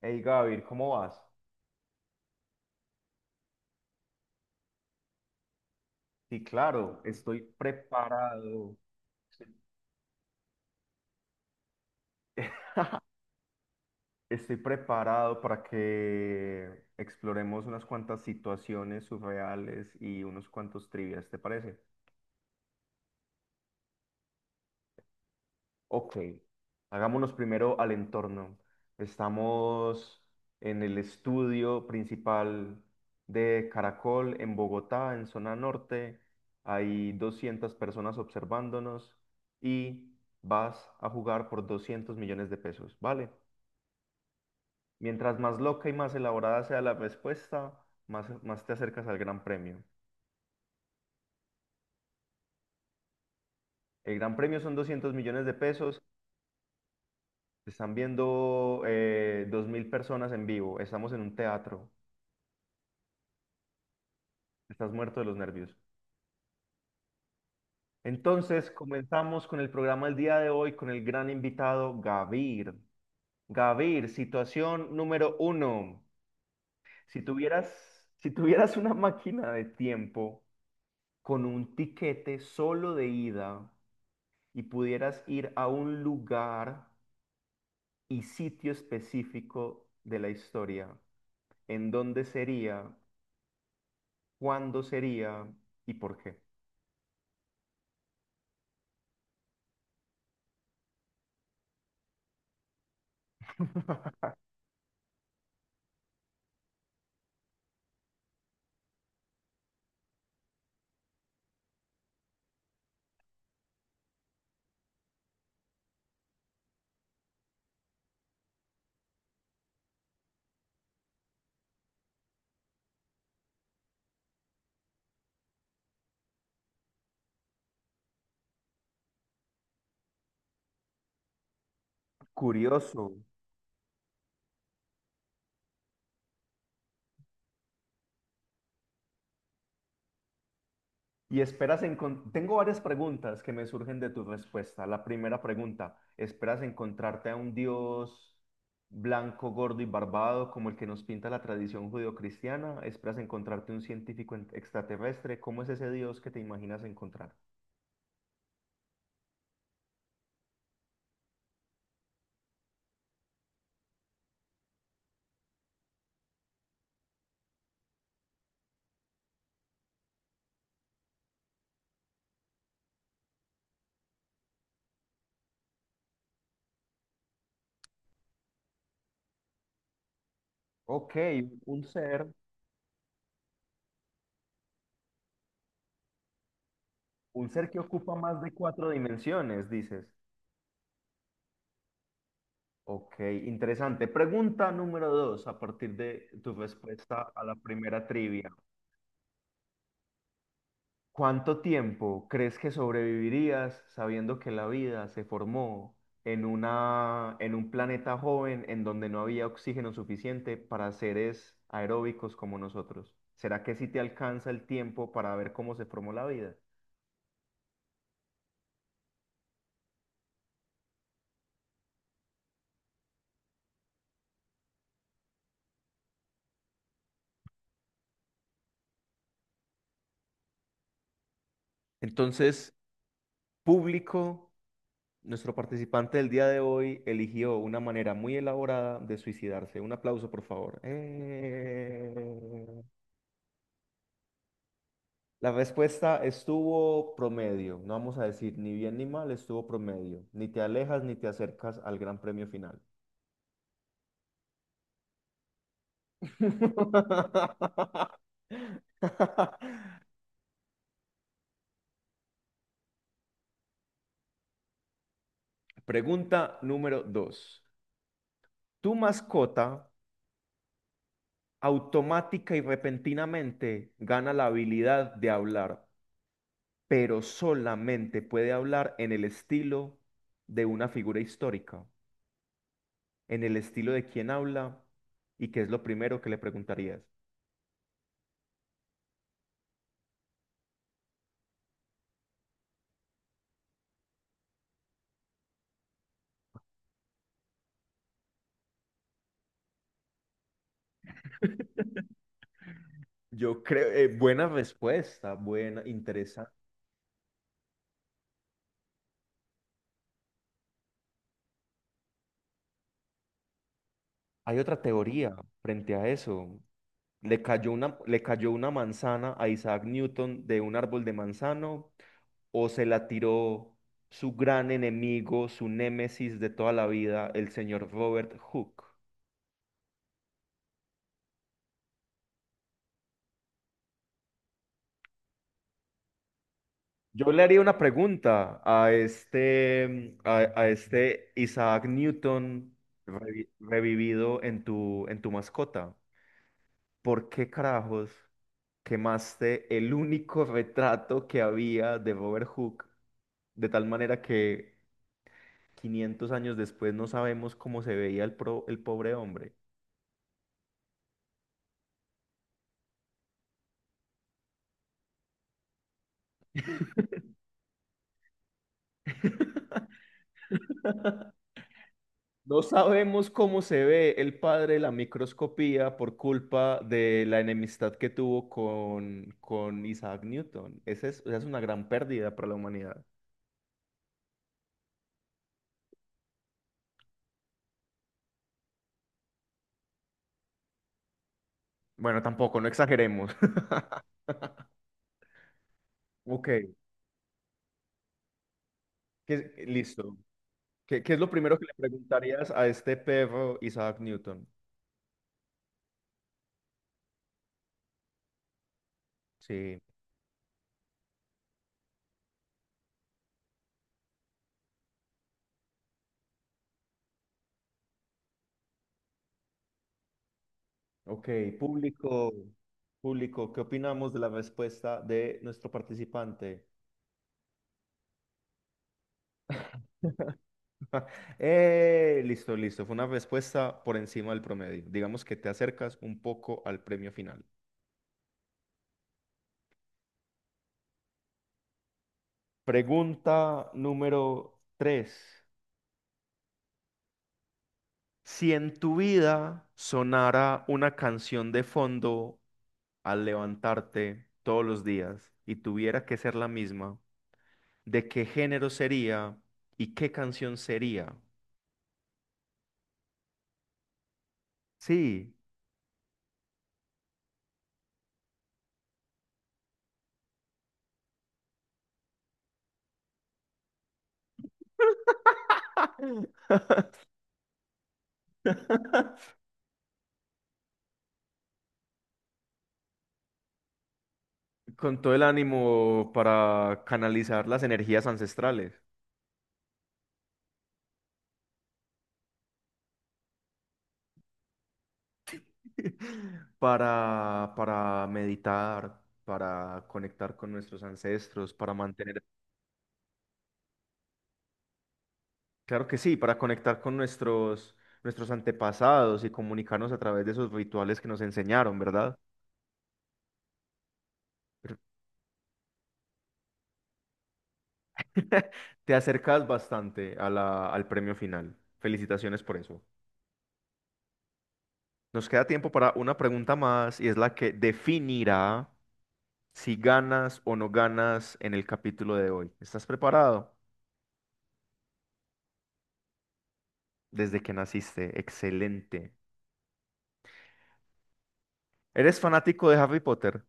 Hey Gavir, ¿cómo vas? Sí, claro, estoy preparado. Estoy preparado para que exploremos unas cuantas situaciones surreales y unos cuantos trivias, ¿te parece? Ok, hagámonos primero al entorno. Estamos en el estudio principal de Caracol en Bogotá, en zona norte. Hay 200 personas observándonos y vas a jugar por 200 millones de pesos, ¿vale? Mientras más loca y más elaborada sea la respuesta, más te acercas al gran premio. El gran premio son 200 millones de pesos. Te están viendo 2.000 personas en vivo. Estamos en un teatro. Estás muerto de los nervios. Entonces, comenzamos con el programa del día de hoy con el gran invitado Gavir. Gavir, situación número uno. Si tuvieras, si tuvieras una máquina de tiempo con un tiquete solo de ida y pudieras ir a un lugar y sitio específico de la historia, ¿en dónde sería? ¿Cuándo sería? ¿Y por qué? Curioso. Y esperas encontrar. Tengo varias preguntas que me surgen de tu respuesta. La primera pregunta, ¿esperas encontrarte a un Dios blanco, gordo y barbado como el que nos pinta la tradición judeocristiana? ¿Esperas encontrarte un científico extraterrestre? ¿Cómo es ese Dios que te imaginas encontrar? Ok, un ser, un ser que ocupa más de cuatro dimensiones, dices. Ok, interesante. Pregunta número dos, a partir de tu respuesta a la primera trivia. ¿Cuánto tiempo crees que sobrevivirías sabiendo que la vida se formó en un planeta joven en donde no había oxígeno suficiente para seres aeróbicos como nosotros? ¿Será que sí te alcanza el tiempo para ver cómo se formó la vida? Entonces, público, nuestro participante del día de hoy eligió una manera muy elaborada de suicidarse. Un aplauso, por favor. ¡Eh! La respuesta estuvo promedio, no vamos a decir ni bien ni mal, estuvo promedio. Ni te alejas ni te acercas al gran premio final. Pregunta número dos. Tu mascota automática y repentinamente gana la habilidad de hablar, pero solamente puede hablar en el estilo de una figura histórica, en el estilo de quien habla y qué es lo primero que le preguntarías. Yo creo, buena respuesta, buena, interesante. Hay otra teoría frente a eso. ¿Le cayó una manzana a Isaac Newton de un árbol de manzano o se la tiró su gran enemigo, su némesis de toda la vida, el señor Robert Hooke? Yo le haría una pregunta a este Isaac Newton revivido en tu mascota. ¿Por qué carajos quemaste el único retrato que había de Robert Hooke? De tal manera que 500 años después no sabemos cómo se veía el pobre hombre. No sabemos cómo se ve el padre de la microscopía por culpa de la enemistad que tuvo con Isaac Newton. Esa es una gran pérdida para la humanidad. Bueno, tampoco, no exageremos. Ok, listo. ¿Qué es lo primero que le preguntarías a este perro Isaac Newton? Sí, ok, público, público, ¿qué opinamos de la respuesta de nuestro participante? Listo, listo, fue una respuesta por encima del promedio. Digamos que te acercas un poco al premio final. Pregunta número 3: si en tu vida sonara una canción de fondo al levantarte todos los días y tuviera que ser la misma, de qué género sería y qué canción sería. Sí, con todo el ánimo para canalizar las energías ancestrales, para meditar, para conectar con nuestros ancestros, para mantener, claro que sí, para conectar con nuestros antepasados y comunicarnos a través de esos rituales que nos enseñaron, ¿verdad? Pero te acercas bastante a al premio final. Felicitaciones por eso. Nos queda tiempo para una pregunta más y es la que definirá si ganas o no ganas en el capítulo de hoy. ¿Estás preparado? Desde que naciste. Excelente. ¿Eres fanático de Harry Potter?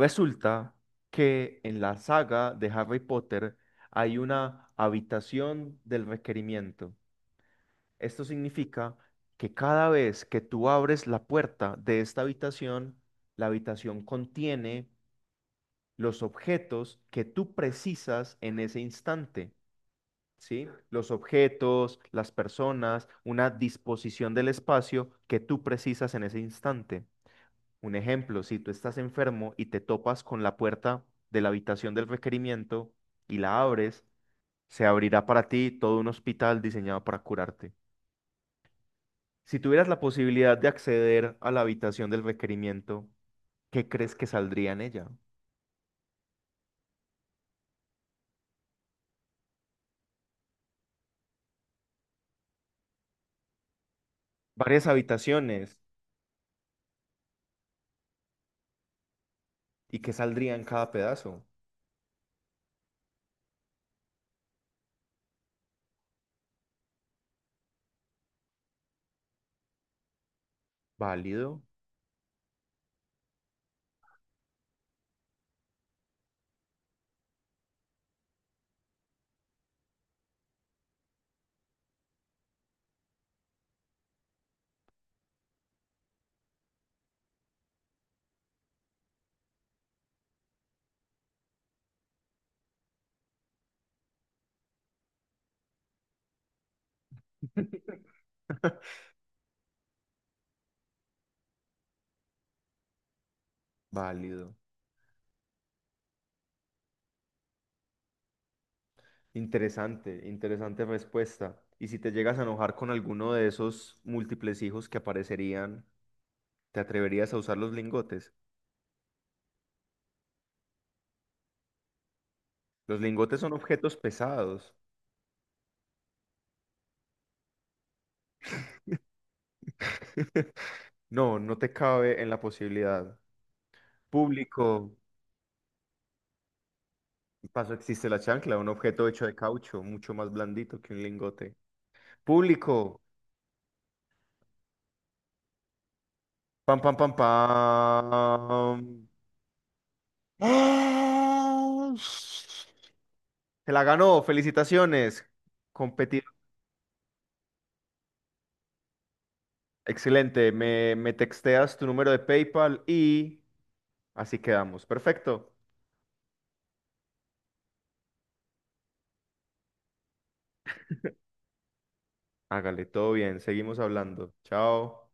Resulta que en la saga de Harry Potter hay una habitación del requerimiento. Esto significa que cada vez que tú abres la puerta de esta habitación, la habitación contiene los objetos que tú precisas en ese instante, ¿sí? Los objetos, las personas, una disposición del espacio que tú precisas en ese instante. Un ejemplo, si tú estás enfermo y te topas con la puerta de la habitación del requerimiento y la abres, se abrirá para ti todo un hospital diseñado para curarte. Si tuvieras la posibilidad de acceder a la habitación del requerimiento, ¿qué crees que saldría en ella? Varias habitaciones. ¿Y qué saldría en cada pedazo? Válido, válido. Interesante, interesante respuesta. Y si te llegas a enojar con alguno de esos múltiples hijos que aparecerían, ¿te atreverías a usar los lingotes? Los lingotes son objetos pesados. No, no te cabe en la posibilidad. Público, paso existe la chancla, un objeto hecho de caucho, mucho más blandito que un lingote. Público, pam, pam, pam, pam. ¡Ah! Se la ganó, felicitaciones. Competido. Excelente. Me texteas tu número de PayPal y así quedamos. Perfecto. Hágale, todo bien. Seguimos hablando. Chao.